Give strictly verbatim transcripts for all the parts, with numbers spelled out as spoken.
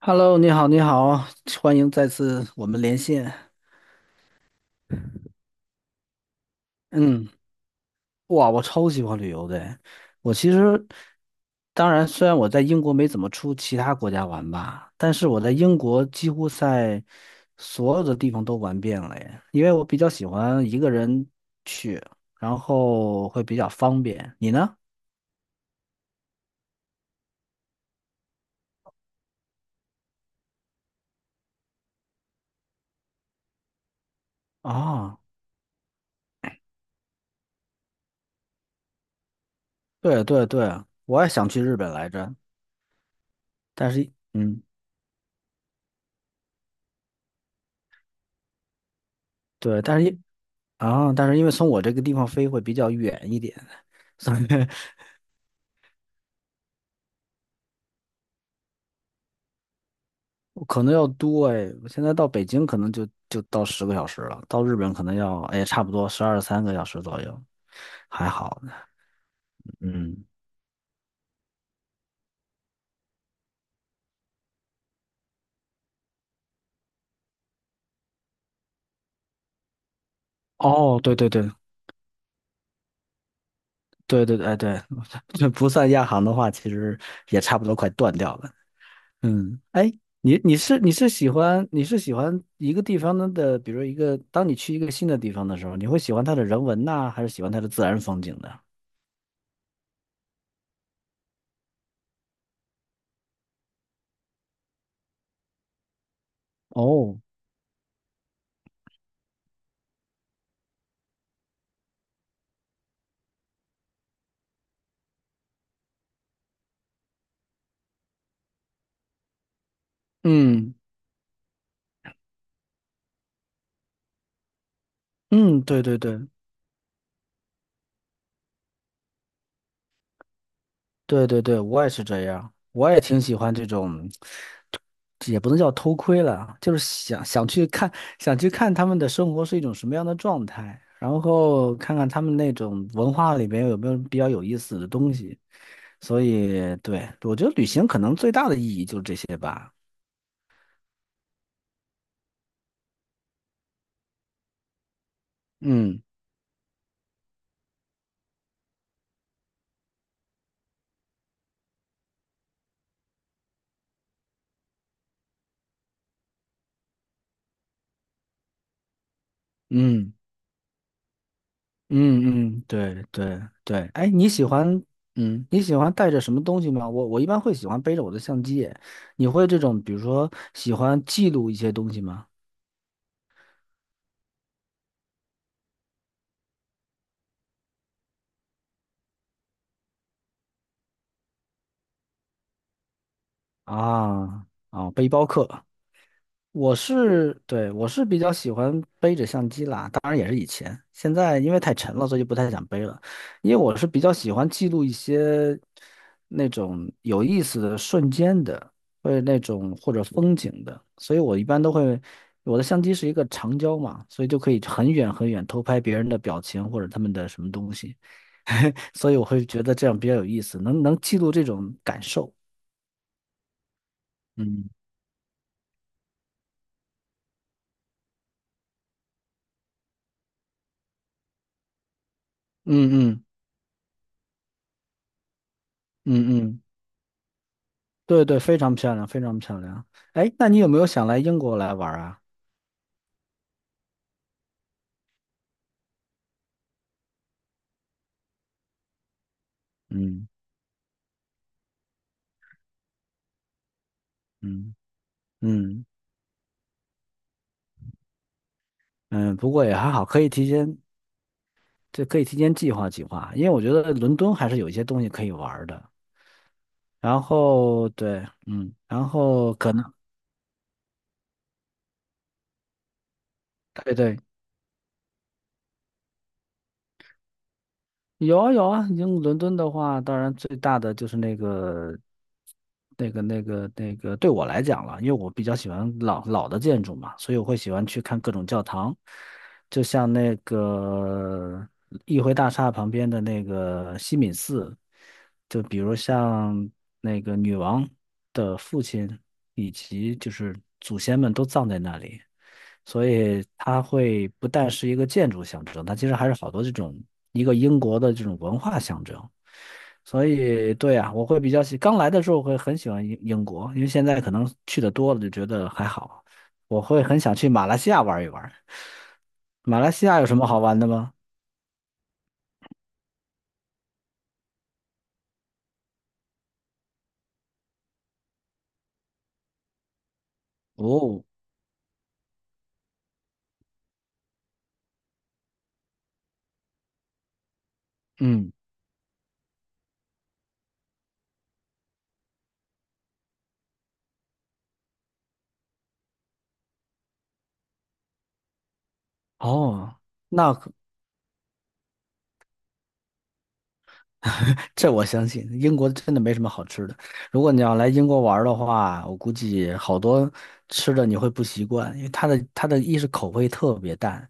Hello，你好，你好，欢迎再次我们连线。嗯，哇，我超喜欢旅游的。我其实，当然，虽然我在英国没怎么出其他国家玩吧，但是我在英国几乎在所有的地方都玩遍了耶。因为我比较喜欢一个人去，然后会比较方便。你呢？啊，对对对，我也想去日本来着，但是，嗯，对，但是因啊，但是因为从我这个地方飞会比较远一点。所以可能要多哎，我现在到北京可能就就到十个小时了，到日本可能要哎差不多十二三个小时左右，还好呢。嗯，哦，对对对对对对哎对，这不算亚航的话，其实也差不多快断掉了。嗯，哎，你你是你是喜欢你是喜欢一个地方的，比如一个，当你去一个新的地方的时候，你会喜欢它的人文呐，还是喜欢它的自然风景呢？哦，嗯嗯，对对对，对对对，我也是这样，我也挺喜欢这种，也不能叫偷窥了，就是想想去看，想去看他们的生活是一种什么样的状态，然后看看他们那种文化里边有没有比较有意思的东西。所以，对，我觉得旅行可能最大的意义就是这些吧。嗯嗯。嗯嗯，对对对，哎，你喜欢嗯，你喜欢带着什么东西吗？我我一般会喜欢背着我的相机耶，你会这种比如说喜欢记录一些东西吗？啊啊，背包客，我是，对，我是比较喜欢背着相机啦，当然也是以前，现在因为太沉了，所以就不太想背了。因为我是比较喜欢记录一些那种有意思的瞬间的，或者那种或者风景的，所以我一般都会，我的相机是一个长焦嘛，所以就可以很远很远偷拍别人的表情或者他们的什么东西，所以我会觉得这样比较有意思，能能记录这种感受。嗯嗯嗯嗯嗯。对对，非常漂亮，非常漂亮。哎，那你有没有想来英国来玩儿啊？嗯嗯嗯嗯，不过也还好，可以提前，这可以提前计划计划，因为我觉得伦敦还是有一些东西可以玩儿的。然后对，嗯，然后可能对对，有啊有啊，英伦敦的话，当然最大的就是那个、那个、那个、那个，对我来讲了，因为我比较喜欢老老的建筑嘛，所以我会喜欢去看各种教堂，就像那个议会大厦旁边的那个西敏寺，就比如像那个女王的父亲以及就是祖先们都葬在那里，所以它会不但是一个建筑象征，它其实还是好多这种一个英国的这种文化象征。所以，对啊，我会比较喜，刚来的时候会很喜欢英英国，因为现在可能去的多了就觉得还好。我会很想去马来西亚玩一玩。马来西亚有什么好玩的吗？哦，嗯，哦，那这我相信，英国真的没什么好吃的。如果你要来英国玩儿的话，我估计好多吃的你会不习惯，因为它的它的一是口味特别淡，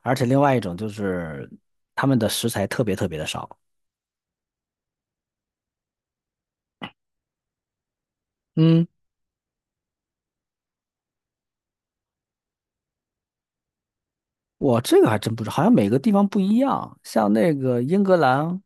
而且另外一种就是他们的食材特别特别的少。嗯。我这个还真不知道，好像每个地方不一样。像那个英格兰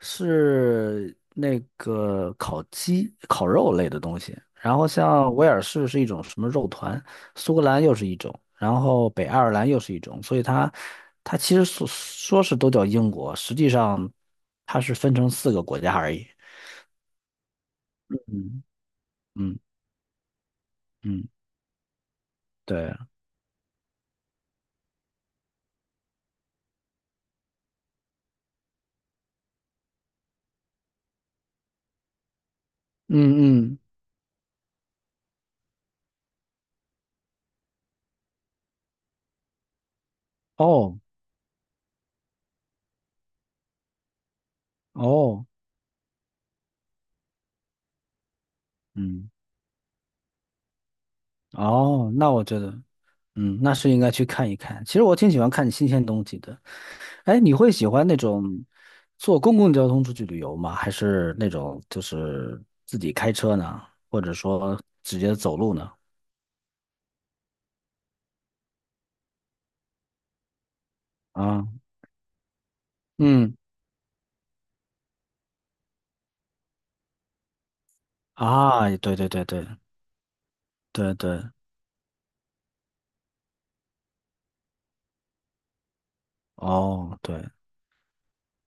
是那个烤鸡、烤肉类的东西，然后像威尔士是一种什么肉团，苏格兰又是一种，然后北爱尔兰又是一种，所以它它其实说说是都叫英国，实际上它是分成四个国家而已。嗯嗯嗯，对，嗯嗯，哦哦，嗯哦，那我觉得。嗯，那是应该去看一看。其实我挺喜欢看新鲜东西的。哎，你会喜欢那种坐公共交通出去旅游吗？还是那种就是自己开车呢？或者说直接走路呢？啊，嗯，啊，对对对对对对，哦，对。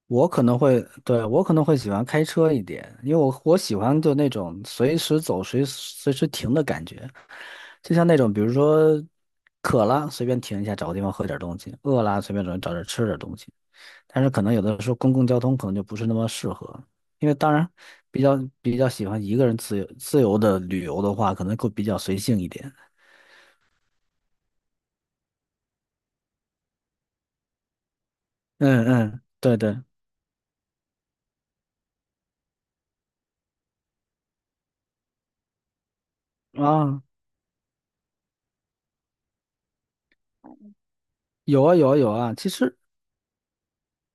我可能会，对，我可能会喜欢开车一点，因为我我喜欢就那种随时走、随随时停的感觉，就像那种比如说渴了随便停一下，找个地方喝点东西；饿了随便找找点吃点东西。但是可能有的时候公共交通可能就不是那么适合，因为当然比较比较喜欢一个人自由自由的旅游的话，可能会比较随性一点。嗯嗯，对对啊，有啊有啊有啊，其实。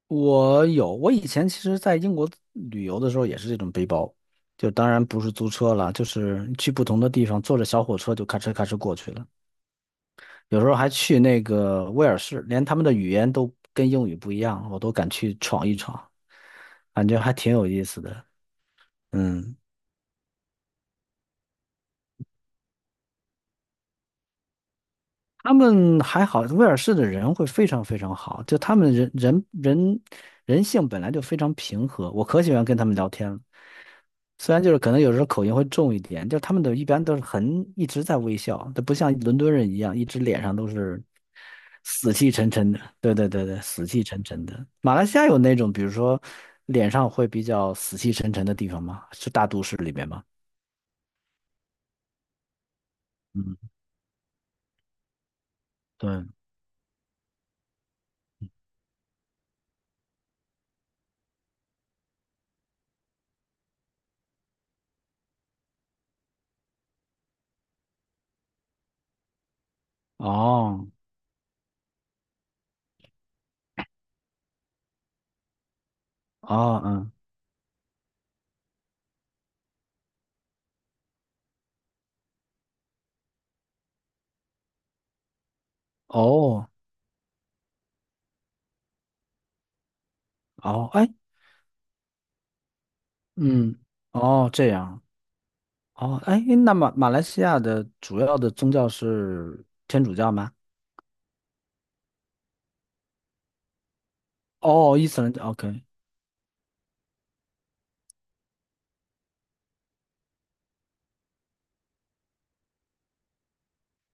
我有，我以前其实在英国旅游的时候也是这种背包，就当然不是租车了，就是去不同的地方，坐着小火车就咔哧咔哧过去了。有时候还去那个威尔士，连他们的语言都跟英语不一样，我都敢去闯一闯，感觉还挺有意思的。嗯，他们还好，威尔士的人会非常非常好，就他们人人人人性本来就非常平和，我可喜欢跟他们聊天了。虽然就是可能有时候口音会重一点，就他们都一般都是很一直在微笑，都不像伦敦人一样，一直脸上都是死气沉沉的。对对对对，死气沉沉的。马来西亚有那种，比如说脸上会比较死气沉沉的地方吗？是大都市里面吗？嗯，对。哦哦嗯哦哦哎嗯哦这样哦哎，那马马来西亚的主要的宗教是天主教吗？哦，伊斯兰教 OK。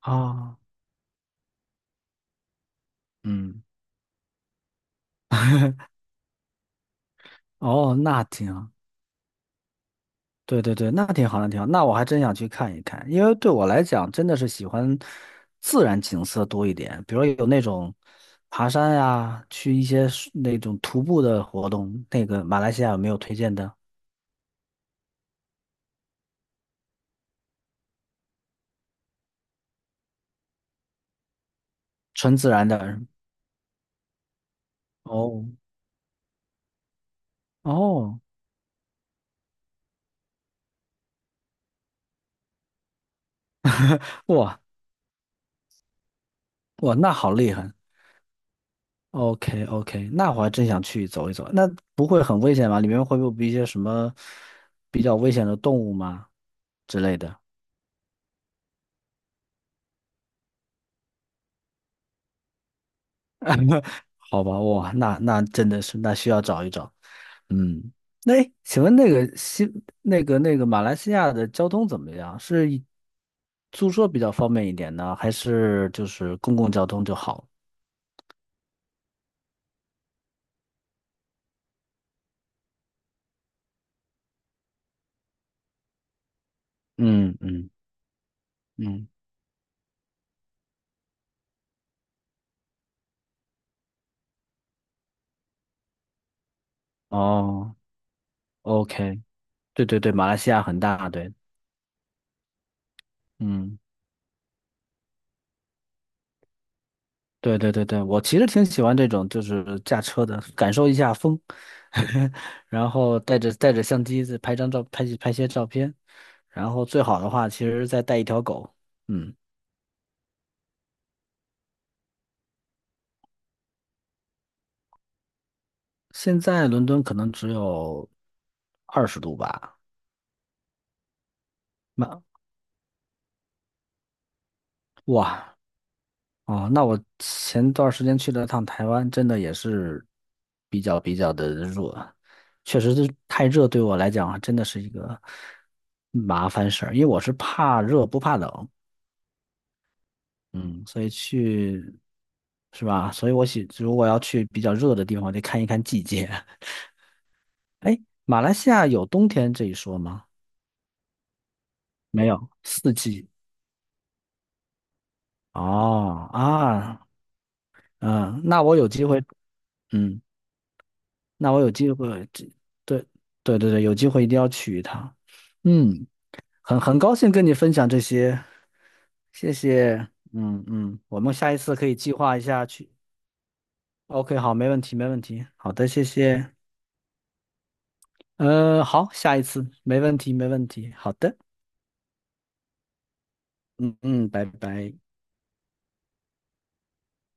啊嗯，哦，那挺好，对对对，那挺好，那挺好，那我还真想去看一看，因为对我来讲，真的是喜欢自然景色多一点，比如有那种爬山呀，去一些是那种徒步的活动，那个马来西亚有没有推荐的？纯自然的，哦哦，哇哇，那好厉害，OK OK，那我还真想去走一走，那不会很危险吗？里面会不会有一些什么比较危险的动物吗之类的？好吧，哇，那那真的是，那需要找一找。嗯，那诶请问那个西那个那个马来西亚的交通怎么样？是以租车比较方便一点呢，还是就是公共交通就好？嗯嗯嗯，哦，OK，对对对，马来西亚很大，对，嗯。对对对对，我其实挺喜欢这种，就是驾车的，感受一下风，然后带着带着相机再拍张照，拍几拍些照片，然后最好的话，其实再带一条狗。嗯，现在伦敦可能只有二十度吧，那哇哦，那我前段时间去了趟台湾，真的也是比较比较的热，确实是太热对我来讲啊真的是一个麻烦事儿，因为我是怕热不怕冷。嗯，所以去是吧？所以我喜如果要去比较热的地方，得看一看季节。哎，马来西亚有冬天这一说吗？没有，四季。哦啊，嗯，那我有机会，嗯，那我有机会，这对对对对，有机会一定要去一趟。嗯，很很高兴跟你分享这些，谢谢。嗯嗯，我们下一次可以计划一下去。OK，好，没问题，没问题。好的，谢谢。呃，好，下一次，没问题，没问题。好的，嗯嗯，拜拜。